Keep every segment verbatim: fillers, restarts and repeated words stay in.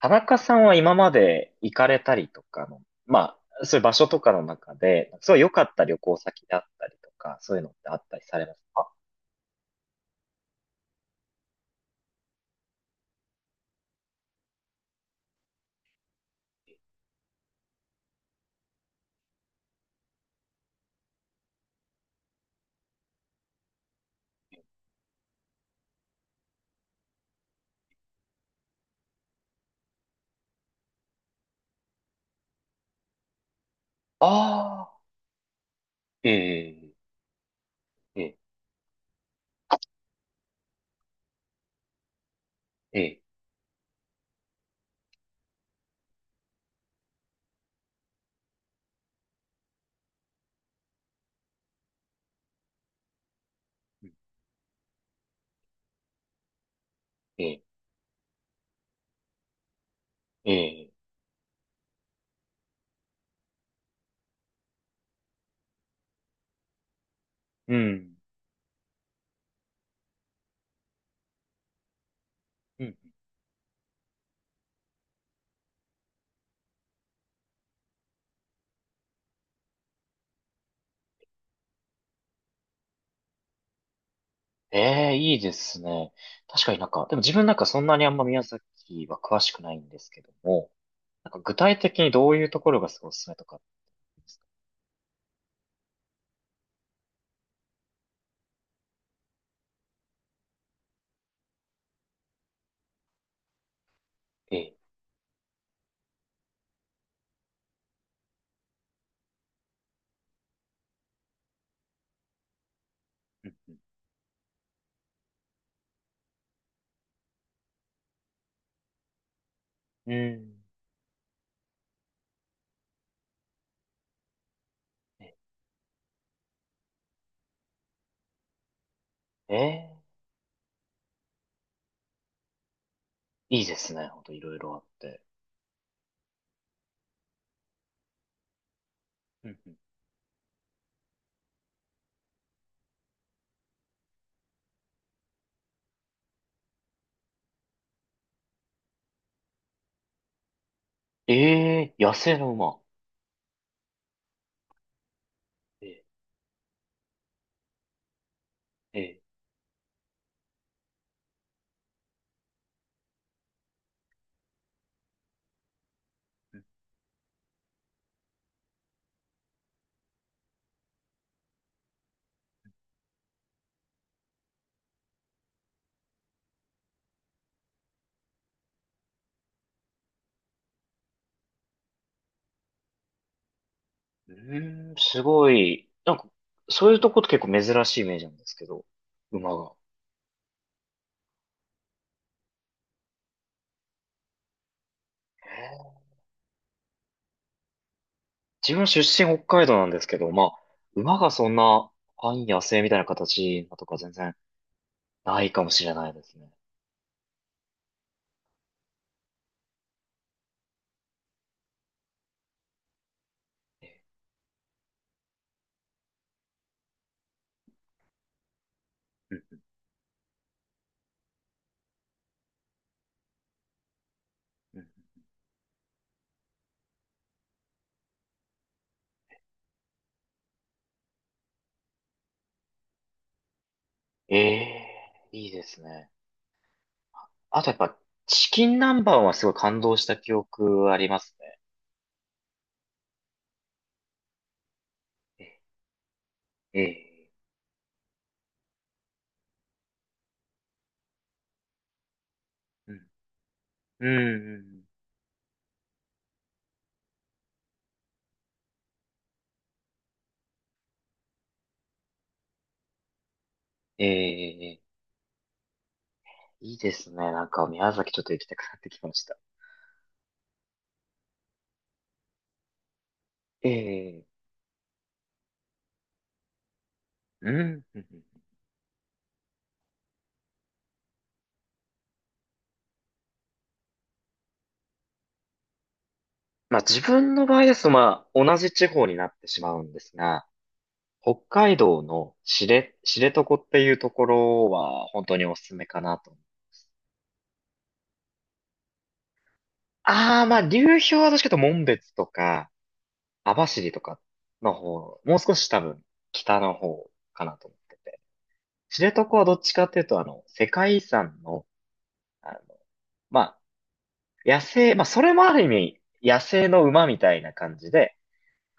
田中さんは今まで行かれたりとかの、まあ、そういう場所とかの中で、すごい良かった旅行先であったりとか、そういうのってあったりされますか？ああー、ええ、ええ、ええ、ええ、ええ、うん。うん。ええ、いいですね。確かになんか、でも自分なんかそんなにあんま宮崎は詳しくないんですけども、なんか具体的にどういうところがすごいおすすめとかありますか？ええ、うん、うん、うん。ええ、ええ。いいですね。ほんといろいろあって。うんうん。ええ、野生の馬。ええ、ええ。うーん、すごい。なんか、そういうとこって結構珍しいイメージなんですけど、馬が。自分出身北海道なんですけど、まあ、馬がそんな半野生みたいな形とか全然ないかもしれないですね。うんうん。ええ。いいですね。あとやっぱ、チキン南蛮はすごい感動した記憶ありますね。ええ、ええ、うん、うんうん。ええ、ええ。いいですね。なんか宮崎ちょっと行きたくなってきました。ええ。うん。うんうん。まあ自分の場合ですと、まあ同じ地方になってしまうんですが、北海道の知れ、知床っていうところは本当におすすめかなと。ああ、まあ流氷は確かというと紋別とか、網走とかの方、もう少し多分北の方かなと思ってて。知床はどっちかっていうと、あの、世界遺産の、あの、ま野生、まあ、それもある意味、野生の馬みたいな感じで、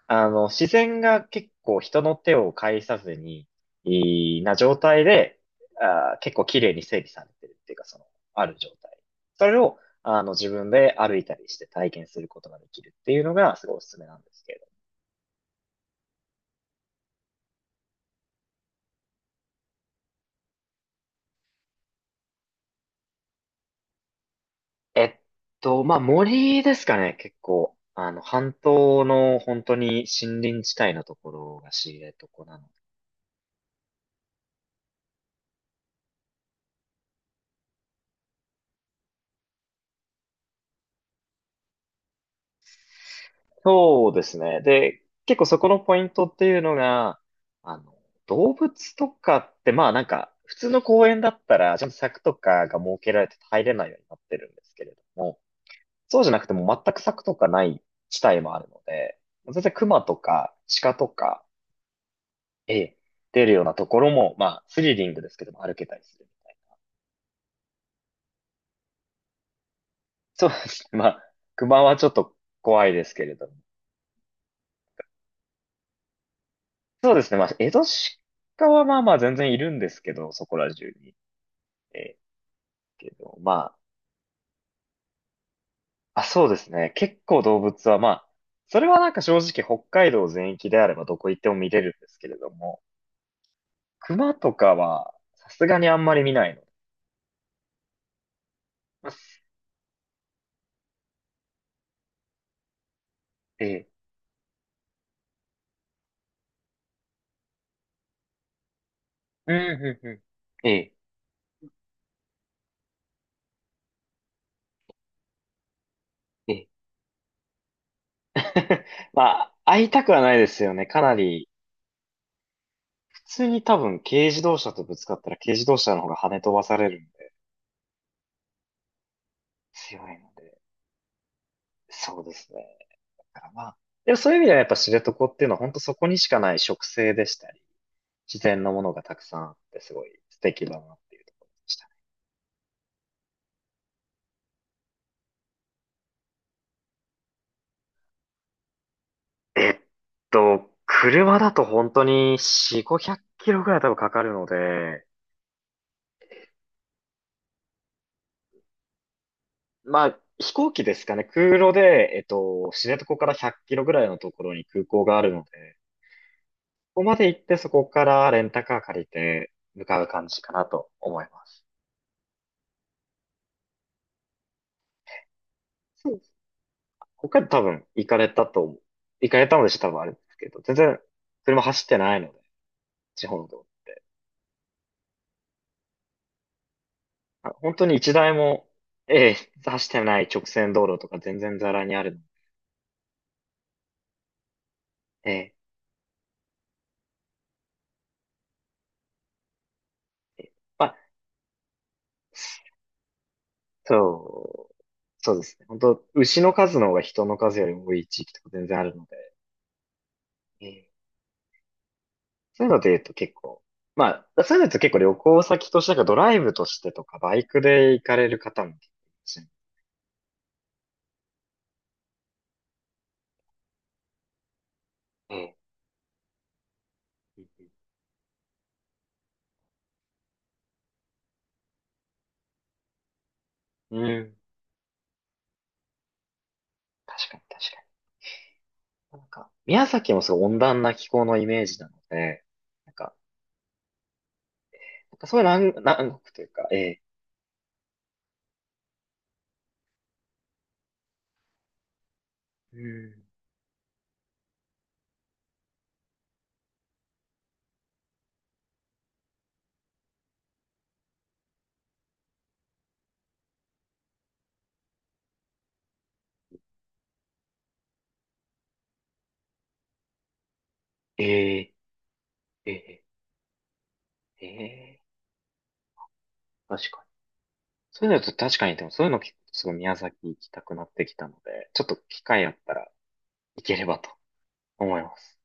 あの、自然が結構人の手を介さずに、いいな状態で、あー、結構綺麗に整備されてるっていうか、その、ある状態。それを、あの、自分で歩いたりして体験することができるっていうのが、すごいおすすめなんですけれど。えっと、まあ、森ですかね、結構。あの、半島の本当に森林地帯のところが知床なの。そうですね。で、結構そこのポイントっていうのが、あの、動物とかって、まあなんか、普通の公園だったら、ちゃんと柵とかが設けられて入れないようになってるんですけれども、そうじゃなくても全く柵とかない地帯もあるので、全然熊とか鹿とか、ええ、出るようなところも、まあスリリングですけども歩けたりするみたいな。そうですね。まあ、熊はちょっと怖いですけれども。そうですね。まあ、江戸鹿はまあまあ全然いるんですけど、そこら中に。えーけど、まあ、あ、そうですね。結構動物は、まあ、それはなんか正直北海道全域であればどこ行っても見れるんですけれども、熊とかはさすがにあんまり見ないの。まあすええ、うん、うん、うん。ええ、ええ。まあ、会いたくはないですよね。かなり、普通に多分軽自動車とぶつかったら軽自動車の方が跳ね飛ばされるんで、強いので、そうですね。だからまあ、でもそういう意味ではやっぱ知床っていうのは本当そこにしかない植生でしたり自然のものがたくさんあってすごい素敵だなっていうところでしたね。えっと、車だと本当によん、ごひゃくキロぐらい多分かかるので、まあ、飛行機ですかね。空路で、えっと、知床からひゃっキロぐらいのところに空港があるので、ここまで行ってそこからレンタカー借りて向かう感じかなと思います。そうです。ここ多分行かれたと思う、行かれたのでしょ多分あれですけど、全然車走ってないので、地方の道路。あ、本当に一台も、ええ、走ってない直線道路とか全然ザラにあるの。ええ、ええ。まあ、そう、そうですね。本当牛の数の方が人の数よりも多い地域とか全然あるので、ええ、そういうので言うと結構、まあ、そういうのだと結構旅行先としてなんかドライブとしてとかバイクで行かれる方も結構いらっしゃるので、ええ。うん、確かに確かに。なんか、宮崎もすごい温暖な気候のイメージなので、なんか、なんかそういう南、南国というか、ええ、うん。ええ、ええ、ええ、確かに。そういうのちょっと確かに、でもそういうの聞くとすごい宮崎行きたくなってきたので、ちょっと機会あったら行ければと思います。